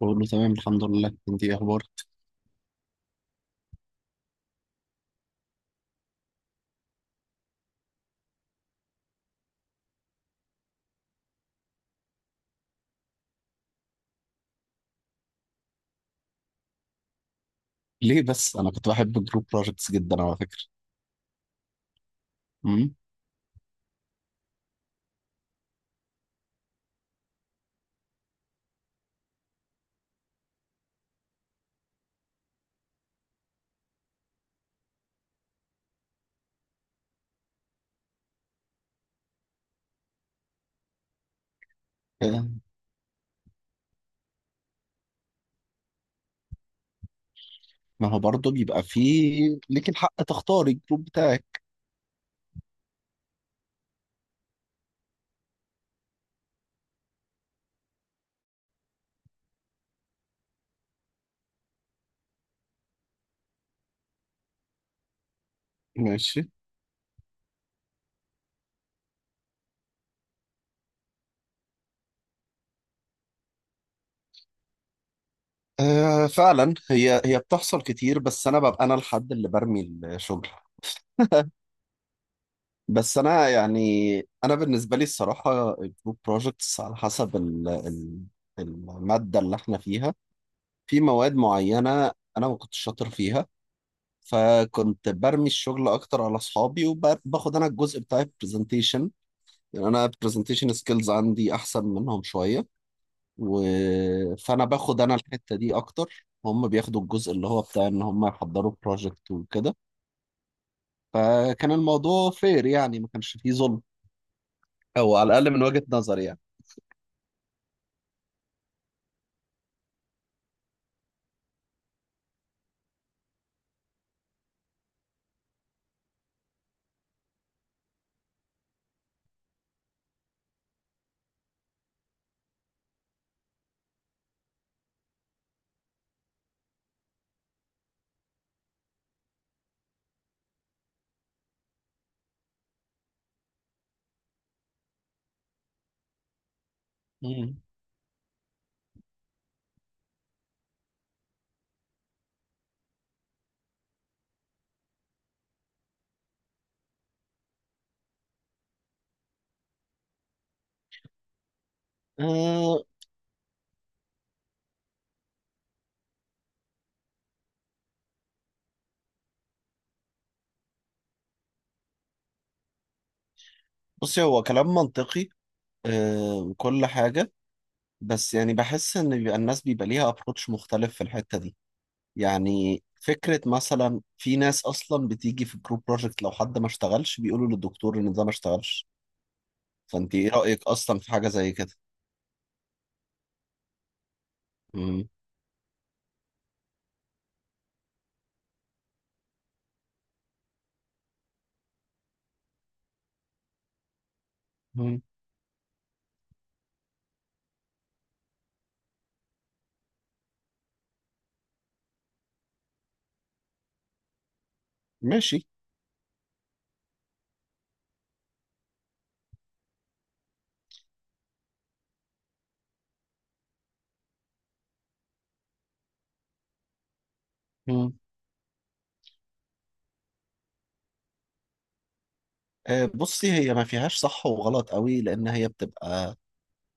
بقول له تمام الحمد لله. انت ايه اخبارك؟ ليه بس، انا كنت بحب الجروب بروجكتس جدا على فكره. امم. آه، ما هو برضه بيبقى فيه ليك الحق تختاري الجروب بتاعك. ماشي. آه، فعلا هي بتحصل كتير، بس انا ببقى انا الحد اللي برمي الشغل. بس انا يعني، انا بالنسبه لي الصراحه، الجروب بروجكتس على حسب ال الماده اللي احنا فيها. في مواد معينه انا ما كنتش شاطر فيها، فكنت برمي الشغل اكتر على اصحابي وباخد انا الجزء بتاع البرزنتيشن. يعني انا البرزنتيشن سكيلز عندي احسن منهم شويه. و... فانا باخد انا الحته دي اكتر، هم بياخدوا الجزء اللي هو بتاع ان هم يحضروا بروجكت وكده. فكان الموضوع فير، يعني ما كانش فيه ظلم، او على الاقل من وجهة نظري يعني. مم. أه، بصي هو كلام منطقي. أه، وكل حاجه. بس يعني بحس ان بيبقى الناس بيبقى ليها ابروتش مختلف في الحته دي. يعني فكرة مثلا، في ناس أصلا بتيجي في الجروب بروجكت لو حد ما اشتغلش بيقولوا للدكتور إن ده ما اشتغلش. فأنت إيه رأيك أصلا في حاجة زي كده؟ مم. مم. ماشي. مم. آه، بصي، هي ما فيهاش صح وغلط قوي، لأن هي بتبقى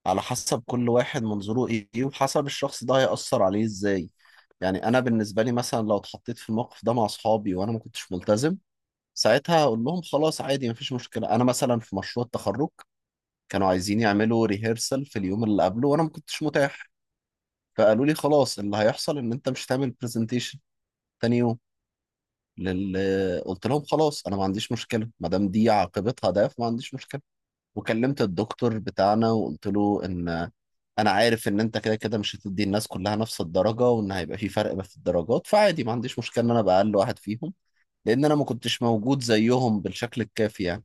على حسب كل واحد منظوره إيه وحسب الشخص ده هيأثر عليه إزاي. يعني أنا بالنسبة لي مثلا، لو اتحطيت في الموقف ده مع أصحابي وأنا ما كنتش ملتزم، ساعتها هقول لهم خلاص، عادي، مفيش مشكلة. أنا مثلا في مشروع التخرج كانوا عايزين يعملوا ريهرسل في اليوم اللي قبله، وانا ما كنتش متاح. فقالوا لي خلاص، اللي هيحصل ان انت مش هتعمل برزنتيشن تاني يوم. لل... قلت لهم خلاص، انا ما عنديش مشكله ما دام دي عاقبتها، ده فما عنديش مشكله. وكلمت الدكتور بتاعنا وقلت له ان انا عارف ان انت كده كده مش هتدي الناس كلها نفس الدرجه، وان هيبقى في فرق في الدرجات، فعادي، ما عنديش مشكله ان انا ابقى اقل واحد فيهم. لان انا ما كنتش موجود زيهم بالشكل الكافي يعني.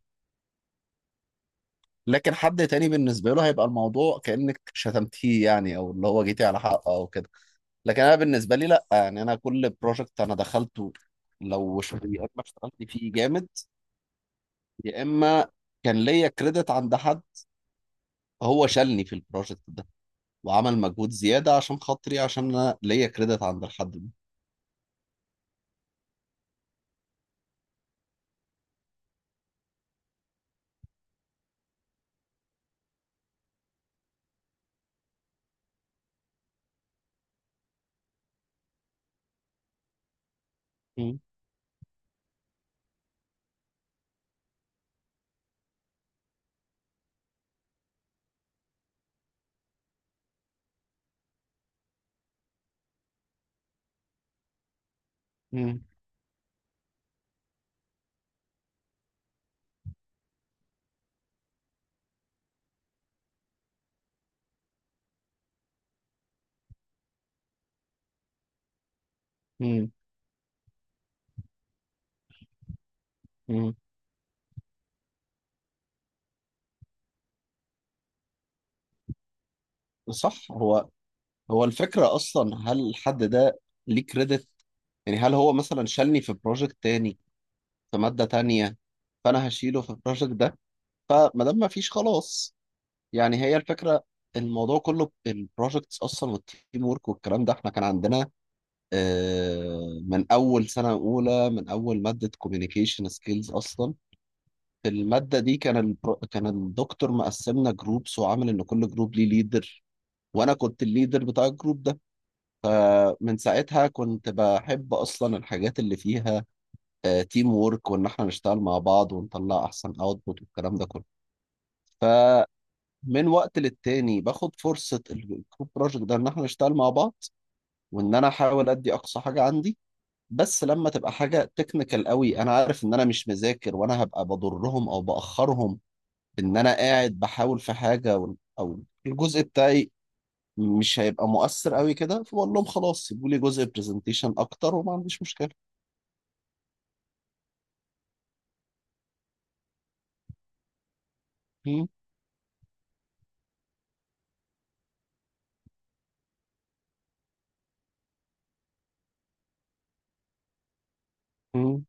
لكن حد تاني بالنسبة له هيبقى الموضوع كأنك شتمتيه يعني، او اللي هو جيتي على حقه او كده. لكن انا بالنسبة لي لا، يعني انا كل بروجكت انا دخلته يا اما اشتغلت فيه جامد، يا اما كان ليا كريدت عند حد، هو شالني في البروجكت ده وعمل مجهود زيادة عشان خاطري، عشان انا ليا كريدت عند الحد ده. مم. مم. مم. مم. صح. هو الفكرة اصلا، هل الحد ده ليه كريدت؟ يعني هل هو مثلا شالني في بروجكت تاني في مادة تانية، فأنا هشيله في البروجكت ده؟ فما دام ما فيش، خلاص. يعني هي الفكرة. الموضوع كله البروجكتس أصلا والتيم ورك والكلام ده، إحنا كان عندنا من أول سنة أولى، من أول مادة كوميونيكيشن سكيلز أصلا. في المادة دي كان الدكتور مقسمنا جروبس وعامل إن كل جروب ليه ليدر، وأنا كنت الليدر بتاع الجروب ده. فمن ساعتها كنت بحب أصلا الحاجات اللي فيها تيم وورك، وان احنا نشتغل مع بعض ونطلع احسن اوتبوت والكلام ده كله. فمن وقت للتاني باخد فرصة الجروب بروجكت ده ان احنا نشتغل مع بعض، وان انا احاول ادي اقصى حاجة عندي. بس لما تبقى حاجة تكنيكال قوي، انا عارف ان انا مش مذاكر، وانا هبقى بضرهم او باخرهم بان انا قاعد بحاول في حاجة او الجزء بتاعي مش هيبقى مؤثر قوي كده، فبقول لهم خلاص، سيبوا لي جزء برزنتيشن اكتر وما عنديش مشكلة. م-. م-.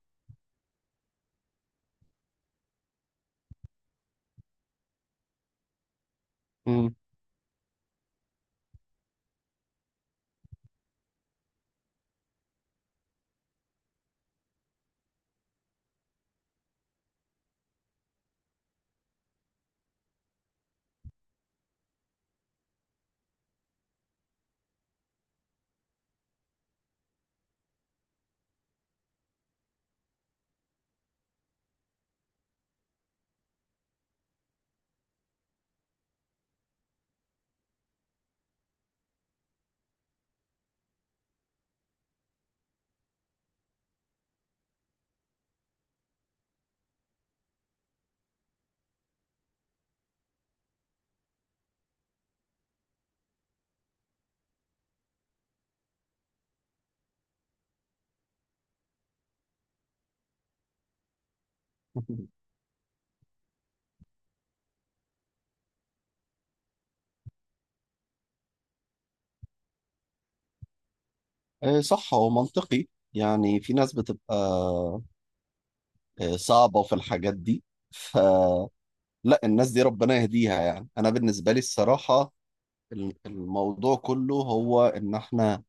م. آه، صح هو منطقي. يعني في ناس بتبقى صعبة في الحاجات دي. فلا، الناس دي ربنا يهديها. يعني أنا بالنسبة لي الصراحة، الموضوع كله هو إن إحنا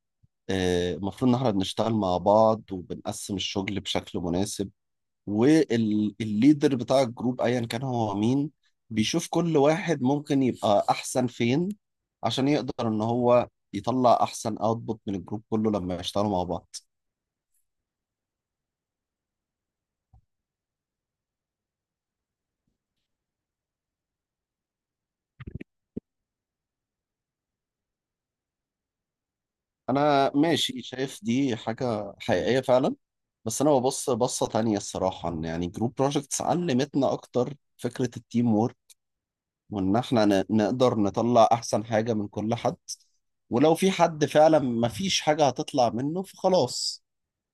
المفروض إن إحنا بنشتغل مع بعض وبنقسم الشغل بشكل مناسب، والليدر بتاع الجروب أيا كان هو مين بيشوف كل واحد ممكن يبقى أحسن فين، عشان يقدر إن هو يطلع أحسن أوتبوت من الجروب كله لما يشتغلوا مع بعض. انا ماشي، شايف دي حاجه حقيقيه فعلا. بس انا ببص بصه تانية الصراحه، ان يعني جروب بروجكتس علمتنا اكتر فكره التيم وورك، وان احنا نقدر نطلع احسن حاجه من كل حد. ولو في حد فعلا ما فيش حاجه هتطلع منه فخلاص،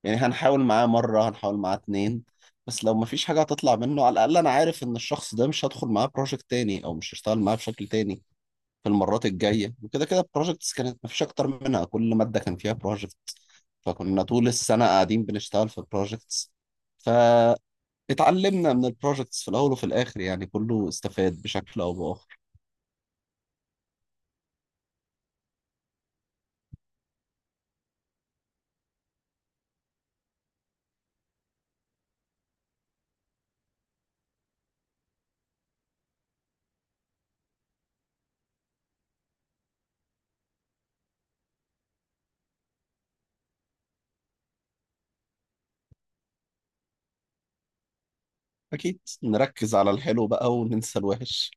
يعني هنحاول معاه مره، هنحاول معاه اتنين. بس لو ما فيش حاجه هتطلع منه، على الاقل انا عارف ان الشخص ده مش هدخل معاه بروجكت تاني او مش هشتغل معاه بشكل تاني في المرات الجايه. وكده كده البروجكتس كانت مفيش اكتر منها، كل ماده كان فيها بروجكت، فكنا طول السنه قاعدين بنشتغل في بروجكتس. فاتعلمنا من البروجكتس في الاول وفي الاخر، يعني كله استفاد بشكل او باخر. اكيد نركز على الحلو بقى وننسى الوحش.